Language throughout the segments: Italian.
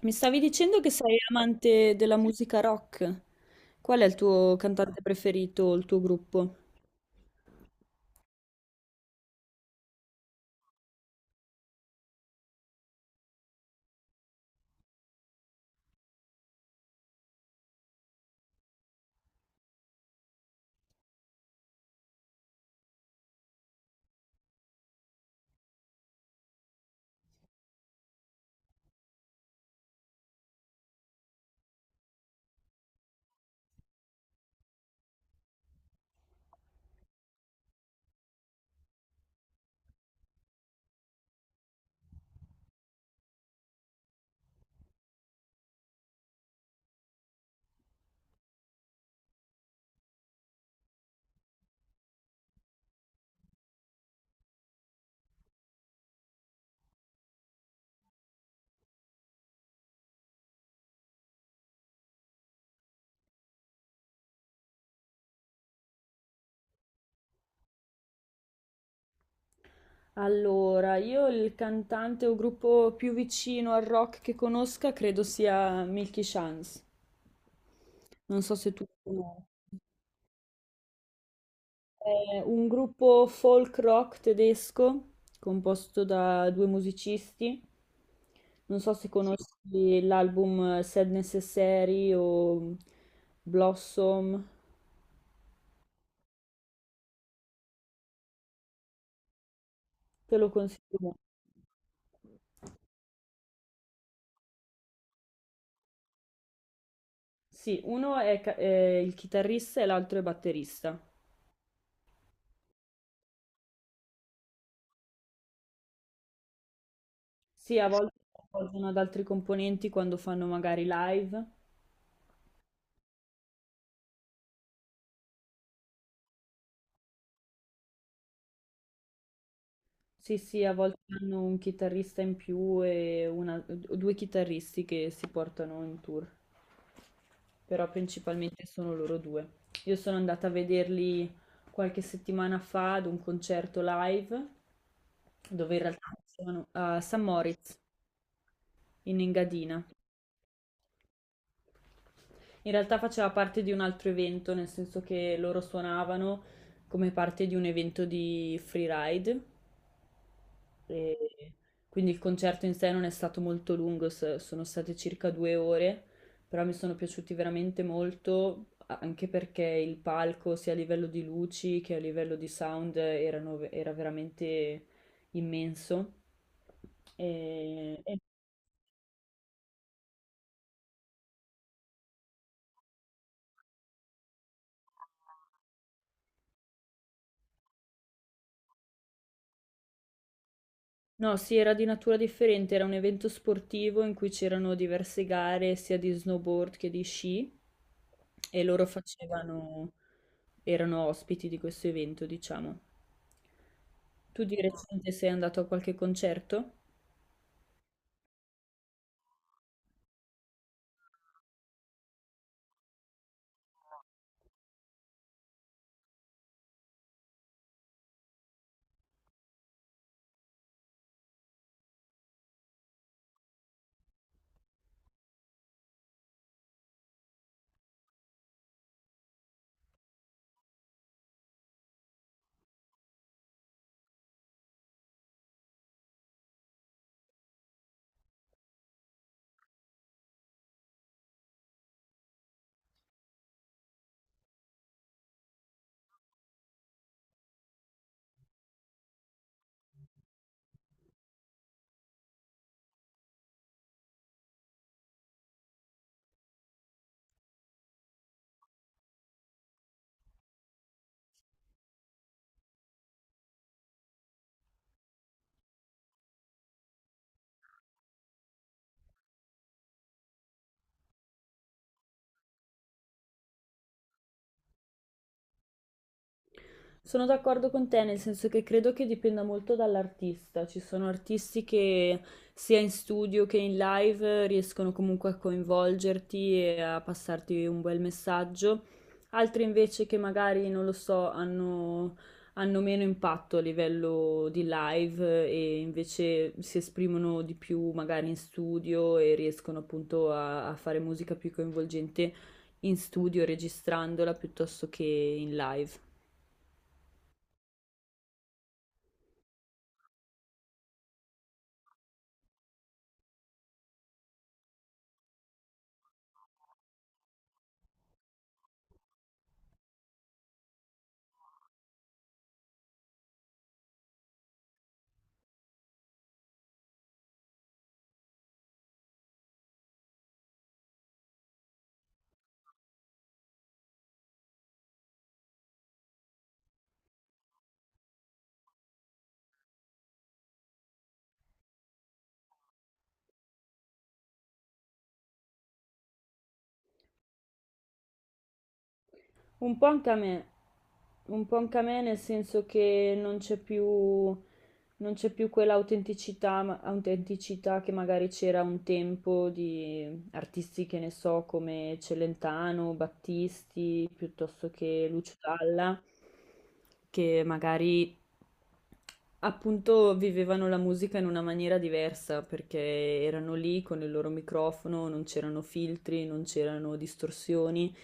Mi stavi dicendo che sei amante della musica rock. Qual è il tuo cantante preferito, o il tuo gruppo? Allora, io il cantante o gruppo più vicino al rock che conosca credo sia Milky Chance. Non so se tu lo conosci. È un gruppo folk rock tedesco composto da due musicisti. Non so se sì, conosci l'album Sad Necessary o Blossom. Te lo consiglio molto. Sì, uno è, è il chitarrista e l'altro è batterista. Sì, a volte si appoggiano ad altri componenti quando fanno magari live. Sì, sì, a volte hanno un chitarrista in più e o due chitarristi che si portano in tour, però principalmente sono loro due. Io sono andata a vederli qualche settimana fa ad un concerto live dove in realtà sono a San Moritz in Engadina. In realtà faceva parte di un altro evento, nel senso che loro suonavano come parte di un evento di freeride, e quindi il concerto in sé non è stato molto lungo, sono state circa 2 ore, però mi sono piaciuti veramente molto, anche perché il palco, sia a livello di luci che a livello di sound, era veramente immenso. E, e No, sì, era di natura differente, era un evento sportivo in cui c'erano diverse gare sia di snowboard che di sci e loro facevano, erano ospiti di questo evento, diciamo. Tu di recente sei andato a qualche concerto? Sono d'accordo con te, nel senso che credo che dipenda molto dall'artista. Ci sono artisti che sia in studio che in live riescono comunque a coinvolgerti e a passarti un bel messaggio, altri invece che magari, non lo so, hanno, hanno meno impatto a livello di live e invece si esprimono di più magari in studio e riescono appunto a, a fare musica più coinvolgente in studio registrandola piuttosto che in live. Un po' anche a me, un po' anche a me nel senso che non c'è più, non c'è più quell'autenticità autenticità che magari c'era un tempo di artisti che ne so, come Celentano, Battisti, piuttosto che Lucio Dalla, che magari appunto vivevano la musica in una maniera diversa, perché erano lì con il loro microfono, non c'erano filtri, non c'erano distorsioni.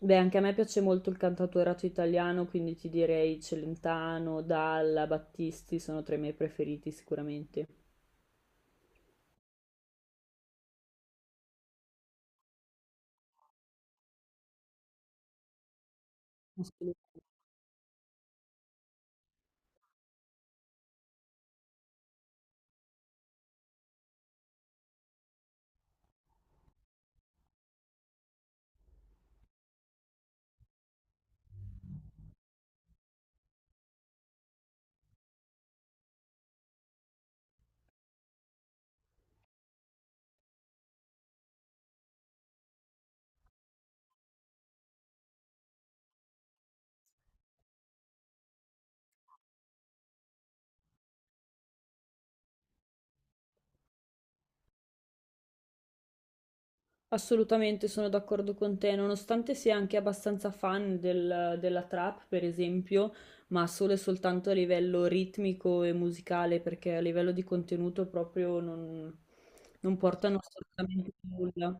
Beh, anche a me piace molto il cantautorato italiano, quindi ti direi Celentano, Dalla, Battisti sono tra i miei preferiti sicuramente. Assolutamente sono d'accordo con te, nonostante sia anche abbastanza fan del della trap, per esempio, ma solo e soltanto a livello ritmico e musicale, perché a livello di contenuto proprio non portano assolutamente nulla.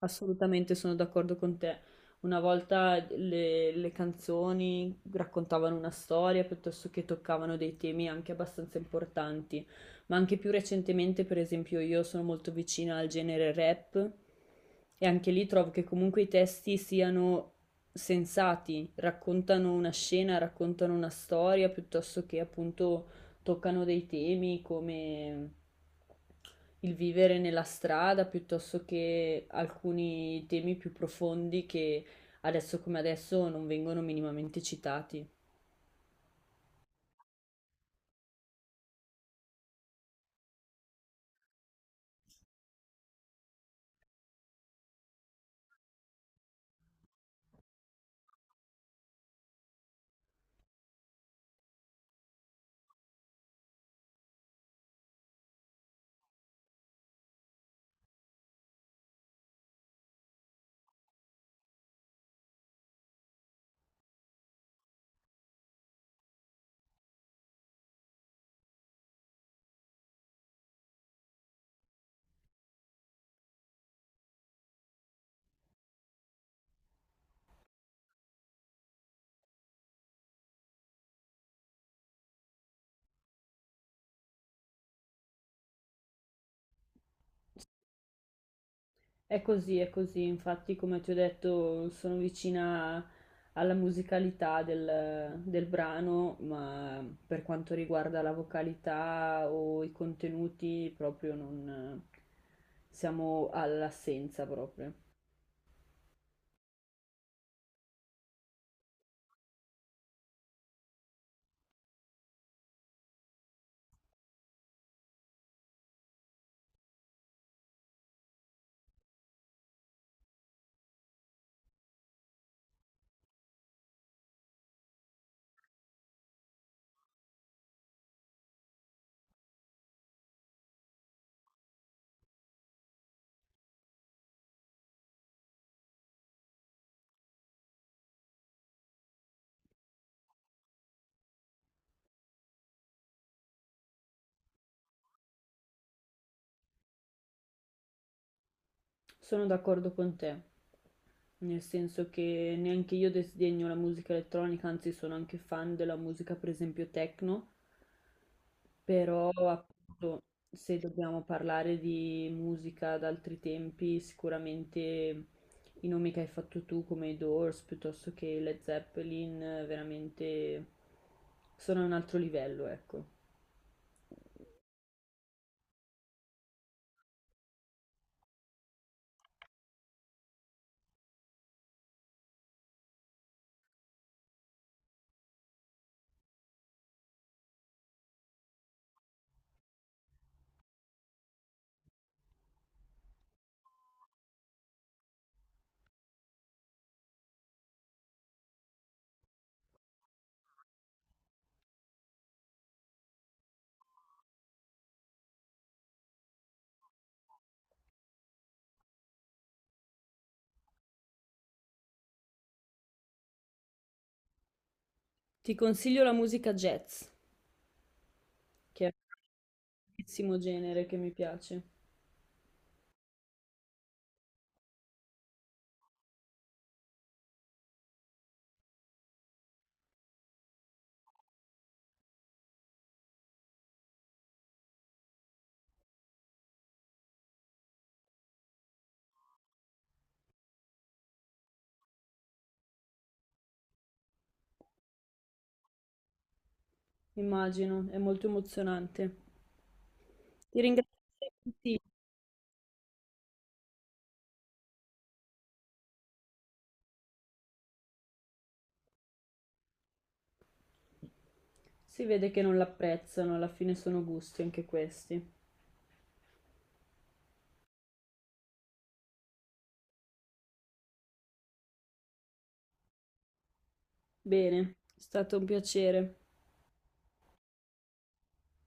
Assolutamente sono d'accordo con te. Una volta le canzoni raccontavano una storia piuttosto che toccavano dei temi anche abbastanza importanti, ma anche più recentemente, per esempio, io sono molto vicina al genere rap e anche lì trovo che comunque i testi siano sensati, raccontano una scena, raccontano una storia piuttosto che appunto toccano dei temi come il vivere nella strada piuttosto che alcuni temi più profondi che adesso come adesso non vengono minimamente citati. È così, infatti come ti ho detto sono vicina alla musicalità del, del brano, ma per quanto riguarda la vocalità o i contenuti proprio non siamo all'assenza proprio. Sono d'accordo con te, nel senso che neanche io disdegno la musica elettronica, anzi sono anche fan della musica, per esempio, techno, però appunto se dobbiamo parlare di musica ad altri tempi, sicuramente i nomi che hai fatto tu come i Doors piuttosto che i Led Zeppelin, veramente sono a un altro livello, ecco. Ti consiglio la musica jazz, che è un bellissimo genere che mi piace. Immagino, è molto emozionante. Ti ringrazio per i consigli. Si vede che non l'apprezzano, alla fine sono gusti anche questi. Bene, è stato un piacere.